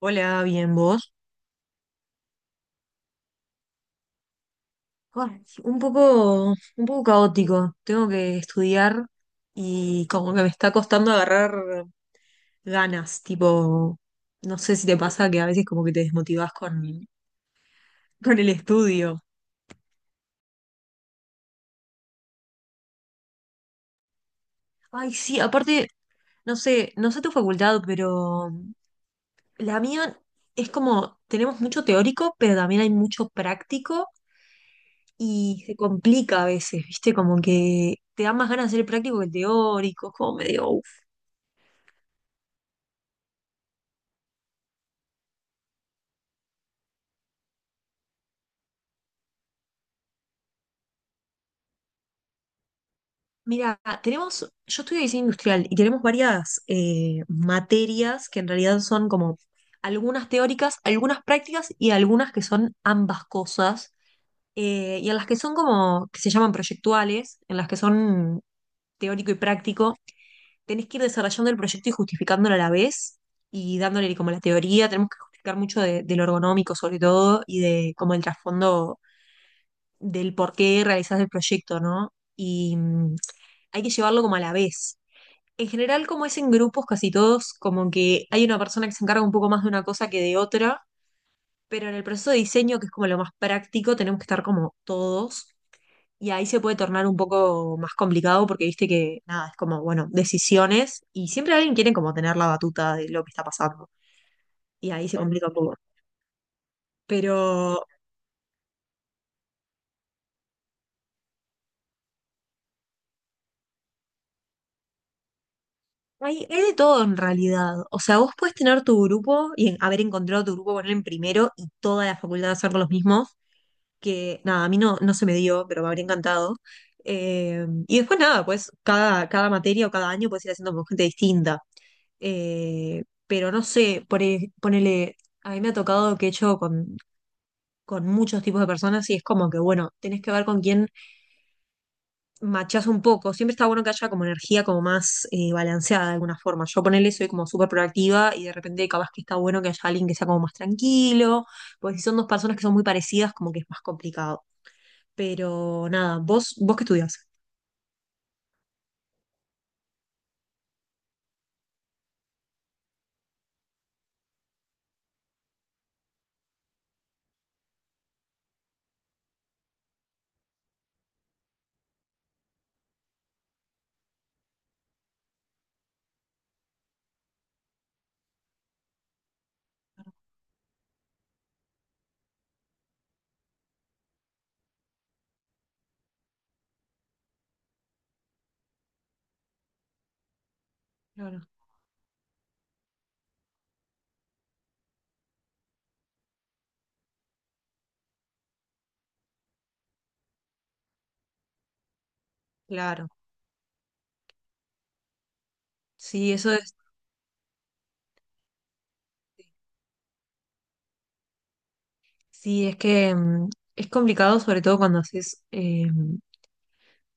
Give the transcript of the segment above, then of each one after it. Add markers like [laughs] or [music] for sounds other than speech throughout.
Hola, bien, ¿vos? Ah, un poco caótico. Tengo que estudiar y como que me está costando agarrar ganas. Tipo, no sé si te pasa que a veces como que te desmotivás con el estudio. Ay, sí, aparte, no sé tu facultad, pero la mía es como, tenemos mucho teórico, pero también hay mucho práctico y se complica a veces, ¿viste? Como que te da más ganas de hacer el práctico que el teórico, es como medio. Mira, tenemos, yo estudio diseño industrial y tenemos varias materias que en realidad son como algunas teóricas, algunas prácticas y algunas que son ambas cosas, y en las que son como, que se llaman proyectuales, en las que son teórico y práctico, tenés que ir desarrollando el proyecto y justificándolo a la vez y dándole como la teoría, tenemos que justificar mucho de lo ergonómico sobre todo y de como el trasfondo del por qué realizás el proyecto, ¿no? Hay que llevarlo como a la vez. En general, como es en grupos, casi todos, como que hay una persona que se encarga un poco más de una cosa que de otra, pero en el proceso de diseño, que es como lo más práctico, tenemos que estar como todos, y ahí se puede tornar un poco más complicado porque viste que, nada, es como, bueno, decisiones, y siempre alguien quiere como tener la batuta de lo que está pasando, y ahí se complica un poco. Pero hay de todo en realidad, o sea, vos puedes tener tu grupo y haber encontrado tu grupo, ponerlo en primero y toda la facultad hacer los mismos, que nada, a mí no, no se me dio, pero me habría encantado. Y después nada, pues cada materia o cada año puedes ir haciendo con gente distinta. Pero no sé, ponele, a mí me ha tocado que he hecho con muchos tipos de personas y es como que, bueno, tenés que ver con quién machás un poco. Siempre está bueno que haya como energía como más balanceada de alguna forma. Yo ponele, soy como súper proactiva y de repente capaz que está bueno que haya alguien que sea como más tranquilo, porque si son dos personas que son muy parecidas, como que es más complicado. Pero nada, vos qué estudias. Claro, claro. Sí, eso es, sí, es que es complicado, sobre todo cuando haces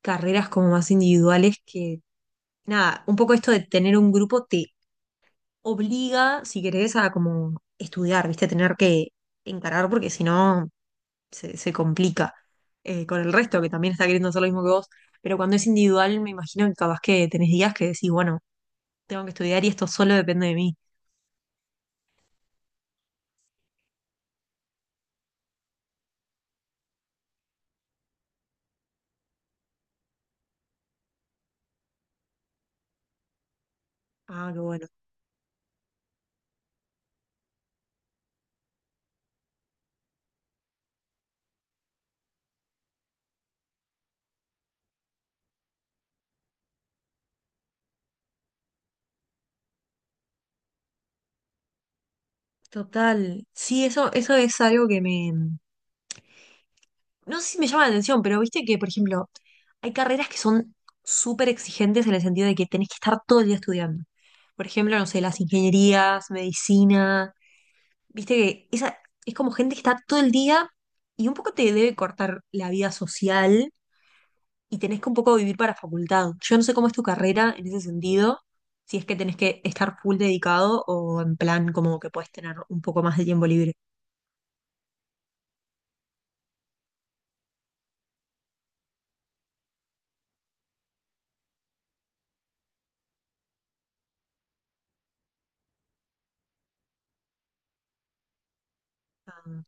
carreras como más individuales, que nada, un poco esto de tener un grupo te obliga, si querés, a como estudiar, ¿viste? Tener que encarar, porque si no se complica con el resto, que también está queriendo hacer lo mismo que vos. Pero cuando es individual, me imagino que capaz que tenés días que decís, bueno, tengo que estudiar y esto solo depende de mí. Ah, qué bueno. Total. Sí, eso es algo que me. No sé si me llama la atención, pero viste que, por ejemplo, hay carreras que son súper exigentes en el sentido de que tenés que estar todo el día estudiando. Por ejemplo, no sé, las ingenierías, medicina. Viste que esa es como gente que está todo el día y un poco te debe cortar la vida social y tenés que un poco vivir para facultad. Yo no sé cómo es tu carrera en ese sentido, si es que tenés que estar full dedicado o en plan como que puedes tener un poco más de tiempo libre. Ah,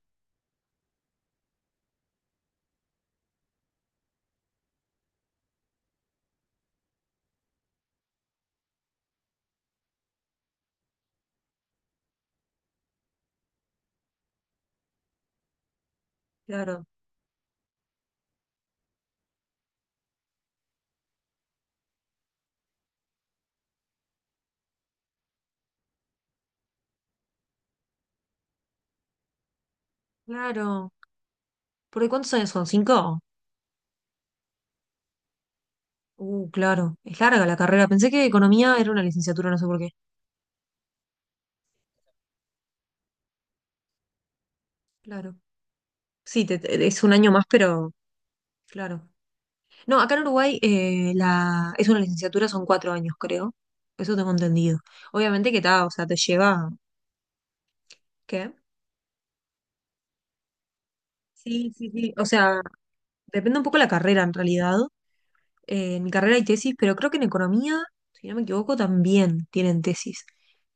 claro. Claro. ¿Porque cuántos años son? ¿Cinco? Claro. Es larga la carrera. Pensé que economía era una licenciatura, no sé por qué. Claro. Sí, es un año más, pero claro. No, acá en Uruguay es una licenciatura, son 4 años, creo. Eso tengo entendido. Obviamente que está, o sea, te lleva. ¿Qué? Sí, sí, sí. O sea, depende un poco la carrera en realidad. En mi carrera hay tesis, pero creo que en economía, si no me equivoco, también tienen tesis.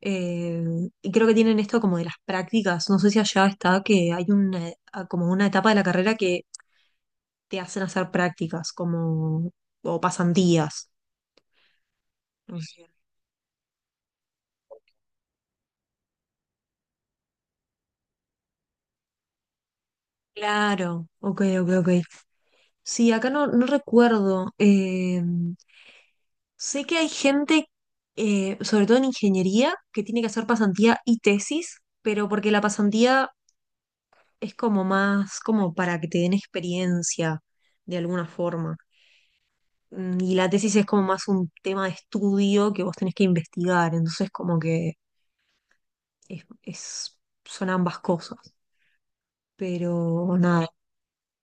Eh, y creo que tienen esto como de las prácticas. No sé si allá está que hay una, como una etapa de la carrera que te hacen hacer prácticas, como, o pasantías. No sé. Claro, ok, ok, ok. Sí, acá no, no recuerdo. Sé que hay gente, sobre todo en ingeniería, que tiene que hacer pasantía y tesis, pero porque la pasantía es como más como para que te den experiencia de alguna forma. Mm, y la tesis es como más un tema de estudio que vos tenés que investigar, entonces como que es, es- son ambas cosas. Pero nada,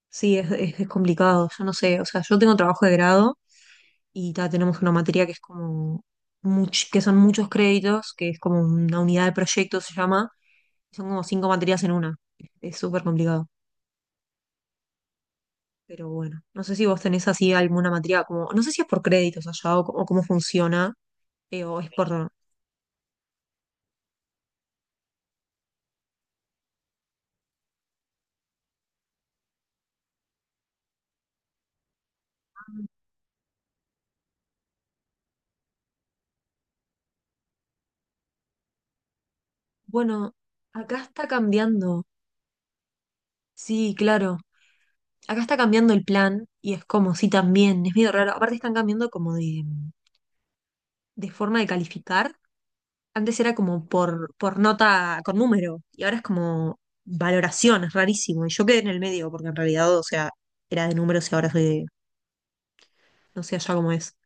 sí, es complicado, yo no sé, o sea, yo tengo trabajo de grado y ta, tenemos una materia que es como, que son muchos créditos, que es como una unidad de proyecto se llama, y son como cinco materias en una, es súper complicado. Pero bueno, no sé si vos tenés así alguna materia como, no sé si es por créditos allá o, o cómo funciona, o es por. Bueno, acá está cambiando, sí, claro, acá está cambiando el plan y es como, sí, también, es medio raro, aparte están cambiando como de forma de calificar, antes era como por nota con número y ahora es como valoración, es rarísimo, y yo quedé en el medio porque en realidad, o sea, era de números y ahora soy de, no sé allá cómo es.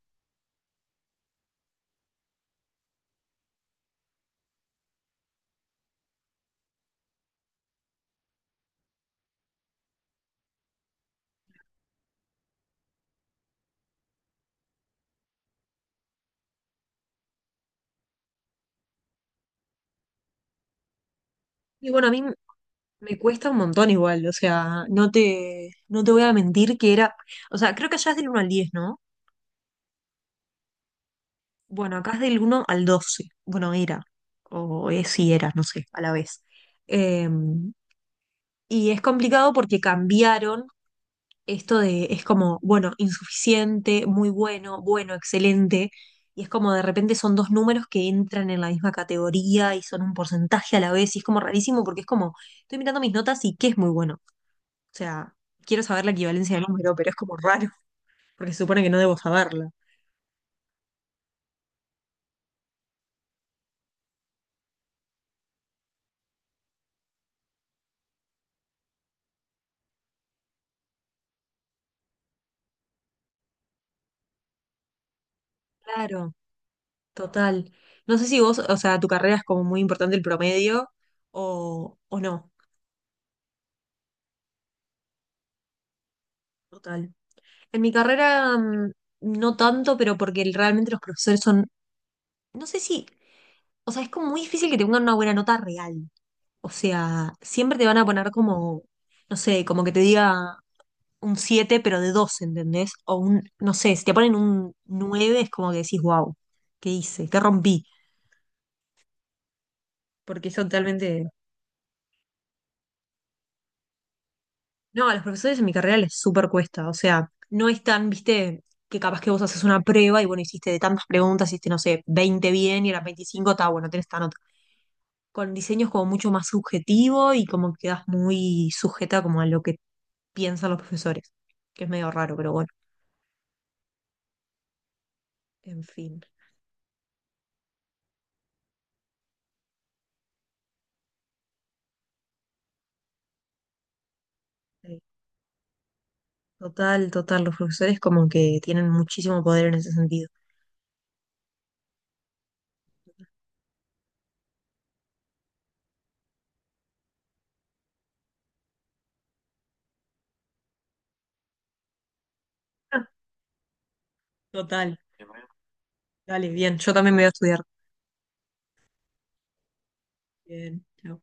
Y bueno, a mí me cuesta un montón igual, o sea, no te voy a mentir que era, o sea, creo que allá es del 1 al 10, ¿no? Bueno, acá es del 1 al 12, bueno, era, o es si era, no sé, a la vez. Eh, y es complicado porque cambiaron esto de, es como, bueno, insuficiente, muy bueno, bueno, excelente, y es como de repente son dos números que entran en la misma categoría y son un porcentaje a la vez, y es como rarísimo porque es como, estoy mirando mis notas y qué es muy bueno. O sea, quiero saber la equivalencia del número, pero es como raro, [laughs] porque se supone que no debo saberla. Claro, total. No sé si vos, o sea, tu carrera es como muy importante el promedio o no. Total. En mi carrera no tanto, pero porque realmente los profesores son, no sé si, o sea, es como muy difícil que te pongan una buena nota real. O sea, siempre te van a poner como, no sé, como que te diga un 7 pero de 2, ¿entendés? O un, no sé, si te ponen un 9 es como que decís, wow, ¿qué hice? ¿Qué rompí? Porque eso totalmente. No, a los profesores en mi carrera les súper cuesta, o sea, no es tan, viste, que capaz que vos haces una prueba y bueno, hiciste de tantas preguntas, hiciste, no sé, 20 bien y a las 25 está bueno, tenés esta nota. Con diseños como mucho más subjetivo y como quedas muy sujeta como a lo que piensan los profesores, que es medio raro, pero bueno, en fin. Total, total. Los profesores como que tienen muchísimo poder en ese sentido. Ah, total. Dale, bien. Yo también me voy a estudiar. Bien. Chao.